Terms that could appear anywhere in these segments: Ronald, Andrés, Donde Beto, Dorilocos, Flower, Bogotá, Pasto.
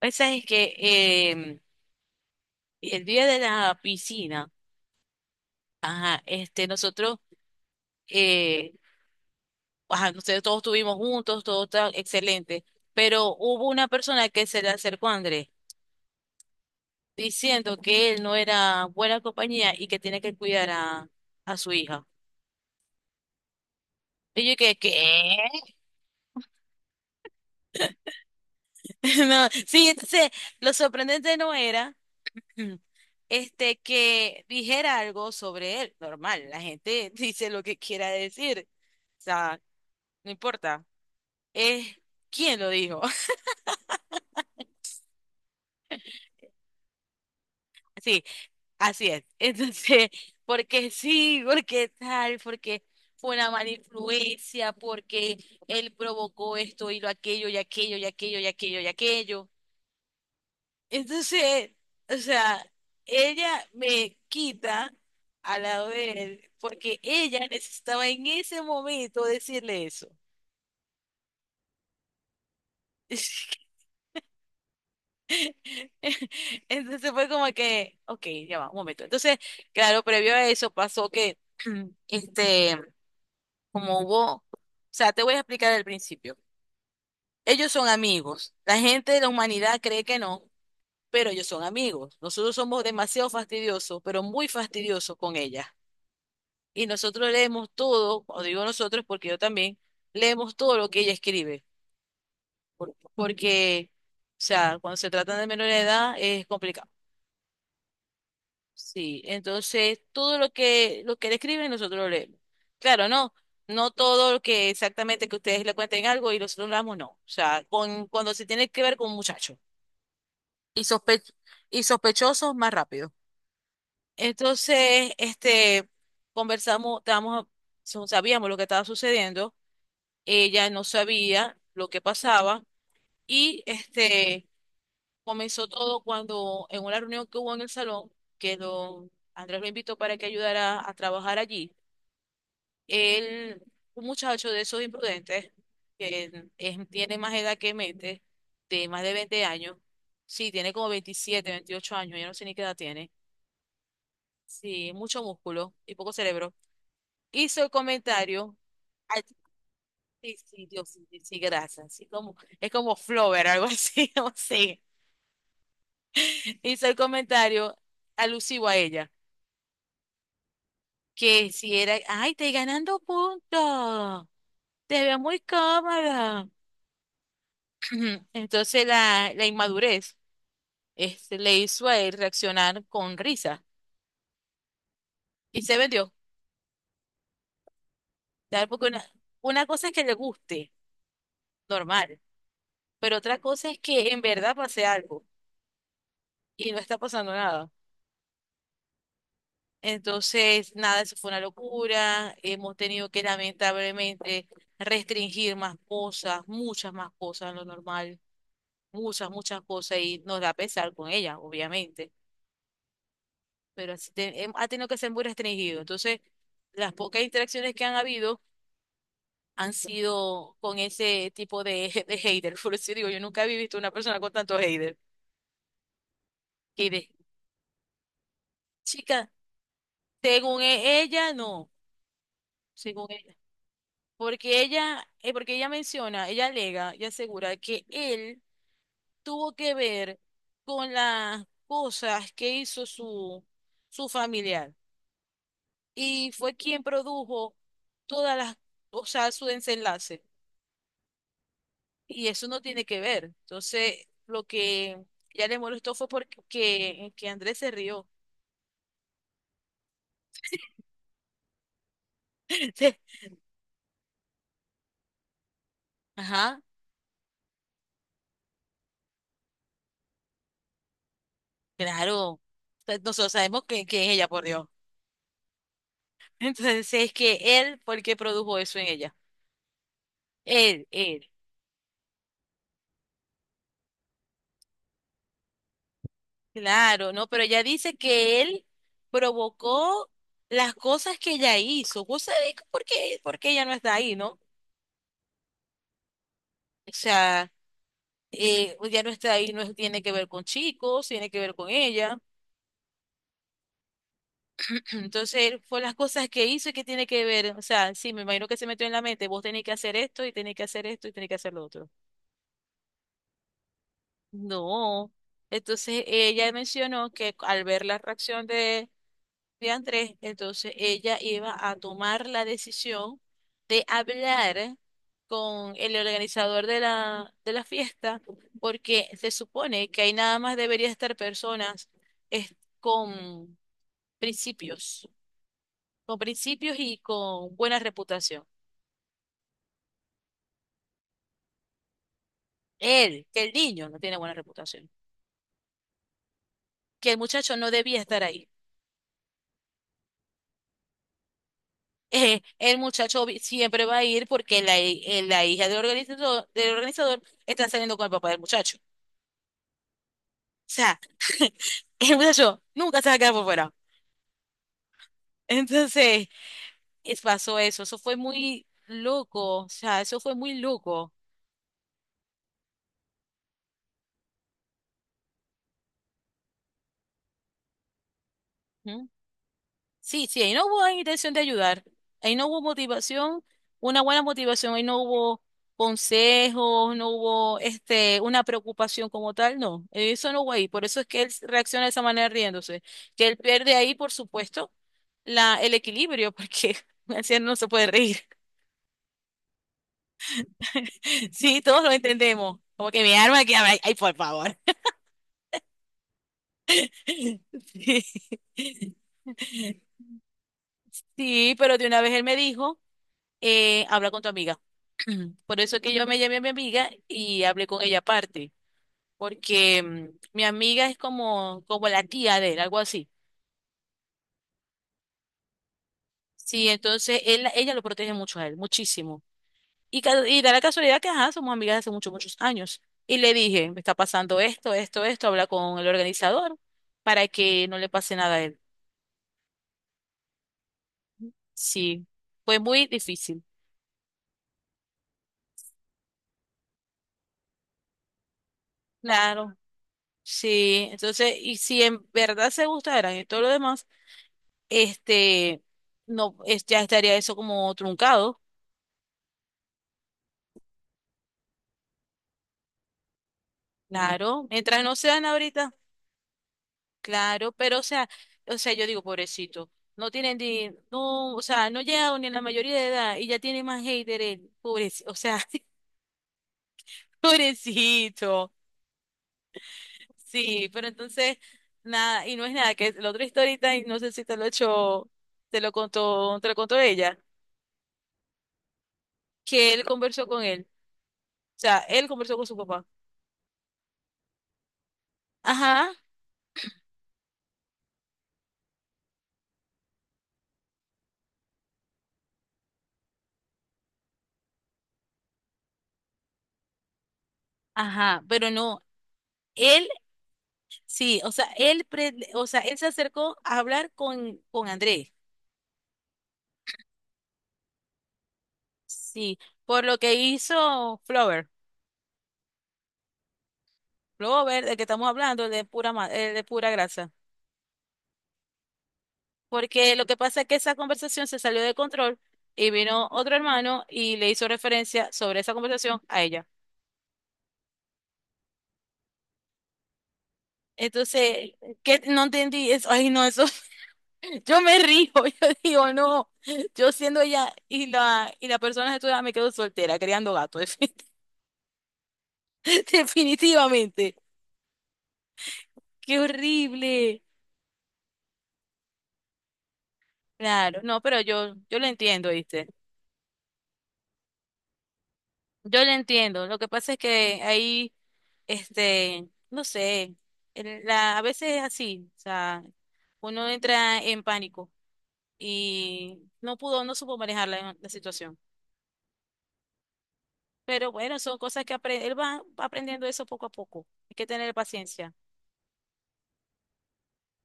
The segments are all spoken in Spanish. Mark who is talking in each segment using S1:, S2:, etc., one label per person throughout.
S1: Esa es que em, el día de la piscina, ajá, este, eh, ajá, nosotros todos estuvimos juntos, todo tan excelente, pero hubo una persona que se le acercó a Andrés diciendo que él no era buena compañía y que tiene que cuidar a su hija. Y yo que, ¿qué? No, sí, entonces lo sorprendente no era. Mm. Este, que dijera algo sobre él. Normal, la gente dice lo que quiera decir. O sea, no importa. Es quién lo dijo. Sí, así es. Entonces, porque sí, porque tal, porque fue una mala influencia, porque él provocó esto y lo aquello y aquello y aquello y aquello y aquello. Entonces, o sea, ella me quita a de él porque ella necesitaba en ese momento decirle eso. Entonces fue como que, ok, ya va, un momento. Entonces, claro, previo a eso pasó que, este, como hubo, o sea, te voy a explicar al principio. Ellos son amigos. La gente de la humanidad cree que no, pero ellos son amigos. Nosotros somos demasiado fastidiosos, pero muy fastidiosos con ella. Y nosotros leemos todo, o digo nosotros porque yo también, leemos todo lo que ella escribe, porque, o sea, cuando se trata de menor de edad es complicado. Sí, entonces todo lo que le escriben nosotros lo leemos. Claro, no, no todo lo que exactamente que ustedes le cuenten algo y nosotros lo damos, no. O sea, cuando se tiene que ver con muchachos y sospechosos más rápido. Entonces, este, conversamos, estábamos, sabíamos lo que estaba sucediendo. Ella no sabía lo que pasaba, y este comenzó todo cuando en una reunión que hubo en el salón, que don Andrés lo invitó para que ayudara a trabajar allí, él, un muchacho de esos imprudentes, que tiene más edad que Mete, de más de 20 años, sí, tiene como 27 28 años, yo no sé ni qué edad tiene, sí, mucho músculo y poco cerebro, hizo el comentario. Sí, sí, Dios, sí, sí, sí, grasa, así como, es como Flover, algo así, no sé. Hizo el comentario alusivo a ella, que si era, ay, estoy ganando puntos, te veo muy cómoda. Entonces la inmadurez este, le hizo a él reaccionar con risa y se vendió, ¿sabes? Porque una cosa es que le guste, normal, pero otra cosa es que en verdad pase algo y no está pasando nada. Entonces, nada, eso fue una locura. Hemos tenido que lamentablemente restringir más cosas, muchas más cosas en lo normal, muchas, muchas cosas y nos da pesar con ella, obviamente, pero así ha tenido que ser muy restringido. Entonces, las pocas interacciones que han habido han sido con ese tipo de, de hater. Por eso digo, yo nunca había visto una persona con tanto hater. Que de, chica, según ella, no, según ella. Porque ella menciona, ella alega y asegura que él tuvo que ver con las cosas que hizo su familiar y fue quien produjo todas las, o sea, su desenlace. Y eso no tiene que ver. Entonces, lo que ya le molestó fue porque que Andrés se rió. Ajá, claro. Entonces, nosotros sabemos que es ella, por Dios. ¿Entonces, es que él, porque produjo eso en ella? Él. Claro, no, pero ella dice que él provocó las cosas que ella hizo. ¿Vos sabés por qué? Porque ella no está ahí, ¿no? O sea, ella no está ahí, no tiene que ver con chicos, tiene que ver con ella. Entonces, fue las cosas que hizo y que tiene que ver. O sea, sí, me imagino que se metió en la mente, vos tenés que hacer esto y tenés que hacer esto y tenés que hacer lo otro. No. Entonces, ella mencionó que al ver la reacción de Andrés, entonces ella iba a tomar la decisión de hablar con el organizador de la fiesta, porque se supone que ahí nada más debería estar personas es- con principios, con principios y con buena reputación. Él, que el niño no tiene buena reputación, que el muchacho no debía estar ahí. El muchacho siempre va a ir porque la hija del organizador está saliendo con el papá del muchacho. Sea, el muchacho nunca se va a quedar por fuera. Entonces, pasó eso. Eso fue muy loco. O sea, eso fue muy loco. ¿Mm? Sí, sí, ahí no hubo intención de ayudar. Ahí no hubo motivación, una buena motivación. Ahí no hubo consejos, no hubo este, una preocupación como tal. No, eso no hubo ahí. Por eso es que él reacciona de esa manera riéndose. Que él pierde ahí, por supuesto, el equilibrio, porque un anciano no se puede reír. Sí, todos lo entendemos. Como que mi arma que ay, ay, por favor. Sí, sí, pero de una vez él me dijo, habla con tu amiga. Por eso es que yo me llamé a mi amiga y hablé con ella aparte, porque mi amiga es como, la tía de él, algo así. Sí, entonces ella lo protege mucho a él, muchísimo. Y da la casualidad que, ajá, somos amigas de hace muchos, muchos años. Y le dije, me está pasando esto, esto, esto, habla con el organizador para que no le pase nada a él. Sí, fue muy difícil. Claro, sí. Entonces, y si en verdad se gustaran y todo lo demás, este, no, ya estaría eso como truncado. Claro, mientras no sean ahorita, claro, pero o sea, yo digo, pobrecito, no tienen ni, no, o sea, no llegaron ni a la mayoría de edad y ya tienen más haters, pobrecito, o sea, pobrecito. Sí, pero entonces, nada, y no es nada, que la otra historita, y no sé si te lo he hecho, te lo contó ella, que él conversó con él, o sea, él conversó con su papá. Ajá, ajá, pero no, él, sí, o sea, él se acercó a hablar con Andrés, sí, por lo que hizo Flower, del que estamos hablando, el de pura grasa. Porque lo que pasa es que esa conversación se salió de control y vino otro hermano y le hizo referencia sobre esa conversación a ella. Entonces, ¿qué? No entendí eso. Ay, no, eso. Yo me río. Yo digo, no. Yo siendo ella y y la persona de tu edad me quedo soltera, criando gatos. Definitivamente. Qué horrible. Claro, no, pero yo lo entiendo, ¿viste? Yo lo entiendo. Lo que pasa es que ahí. Este, no sé, a veces es así, o sea, uno entra en pánico y no supo manejar la situación. Pero bueno, son cosas que aprende, él va aprendiendo eso poco a poco. Hay que tener paciencia.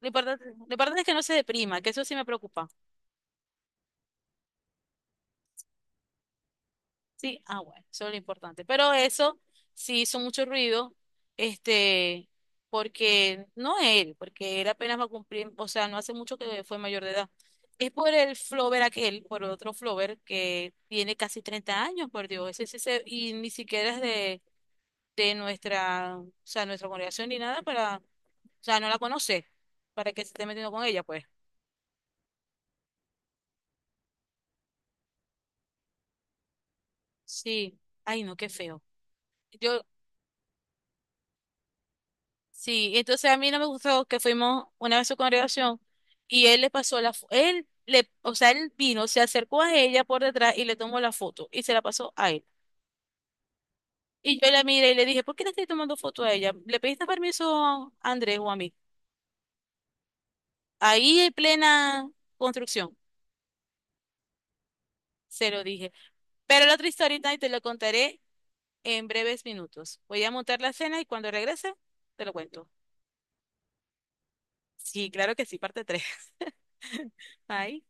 S1: Lo importante es que no se deprima, que eso sí me preocupa. Sí, ah, bueno, eso es lo importante. Pero eso sí hizo mucho ruido, este, porque no él, porque él apenas va a cumplir, o sea, no hace mucho que fue mayor de edad. Es por el flover aquel, por otro flover que tiene casi 30 años, por Dios, ese, y ni siquiera es de nuestra, o sea, nuestra congregación ni nada para, o sea, no la conoce, para que se esté metiendo con ella, pues. Sí, ay, no, qué feo. Yo Sí, entonces a mí no me gustó que fuimos una vez a su congregación y él le pasó la, fo- él le, o sea, él vino, se acercó a ella por detrás y le tomó la foto y se la pasó a él. Y yo la miré y le dije, ¿por qué le estoy tomando foto a ella? ¿Le pediste permiso a Andrés o a mí? Ahí en plena construcción, se lo dije. Pero la otra historia y te lo contaré en breves minutos. Voy a montar la cena y cuando regrese, te lo cuento. Sí, claro que sí, parte 3. Bye.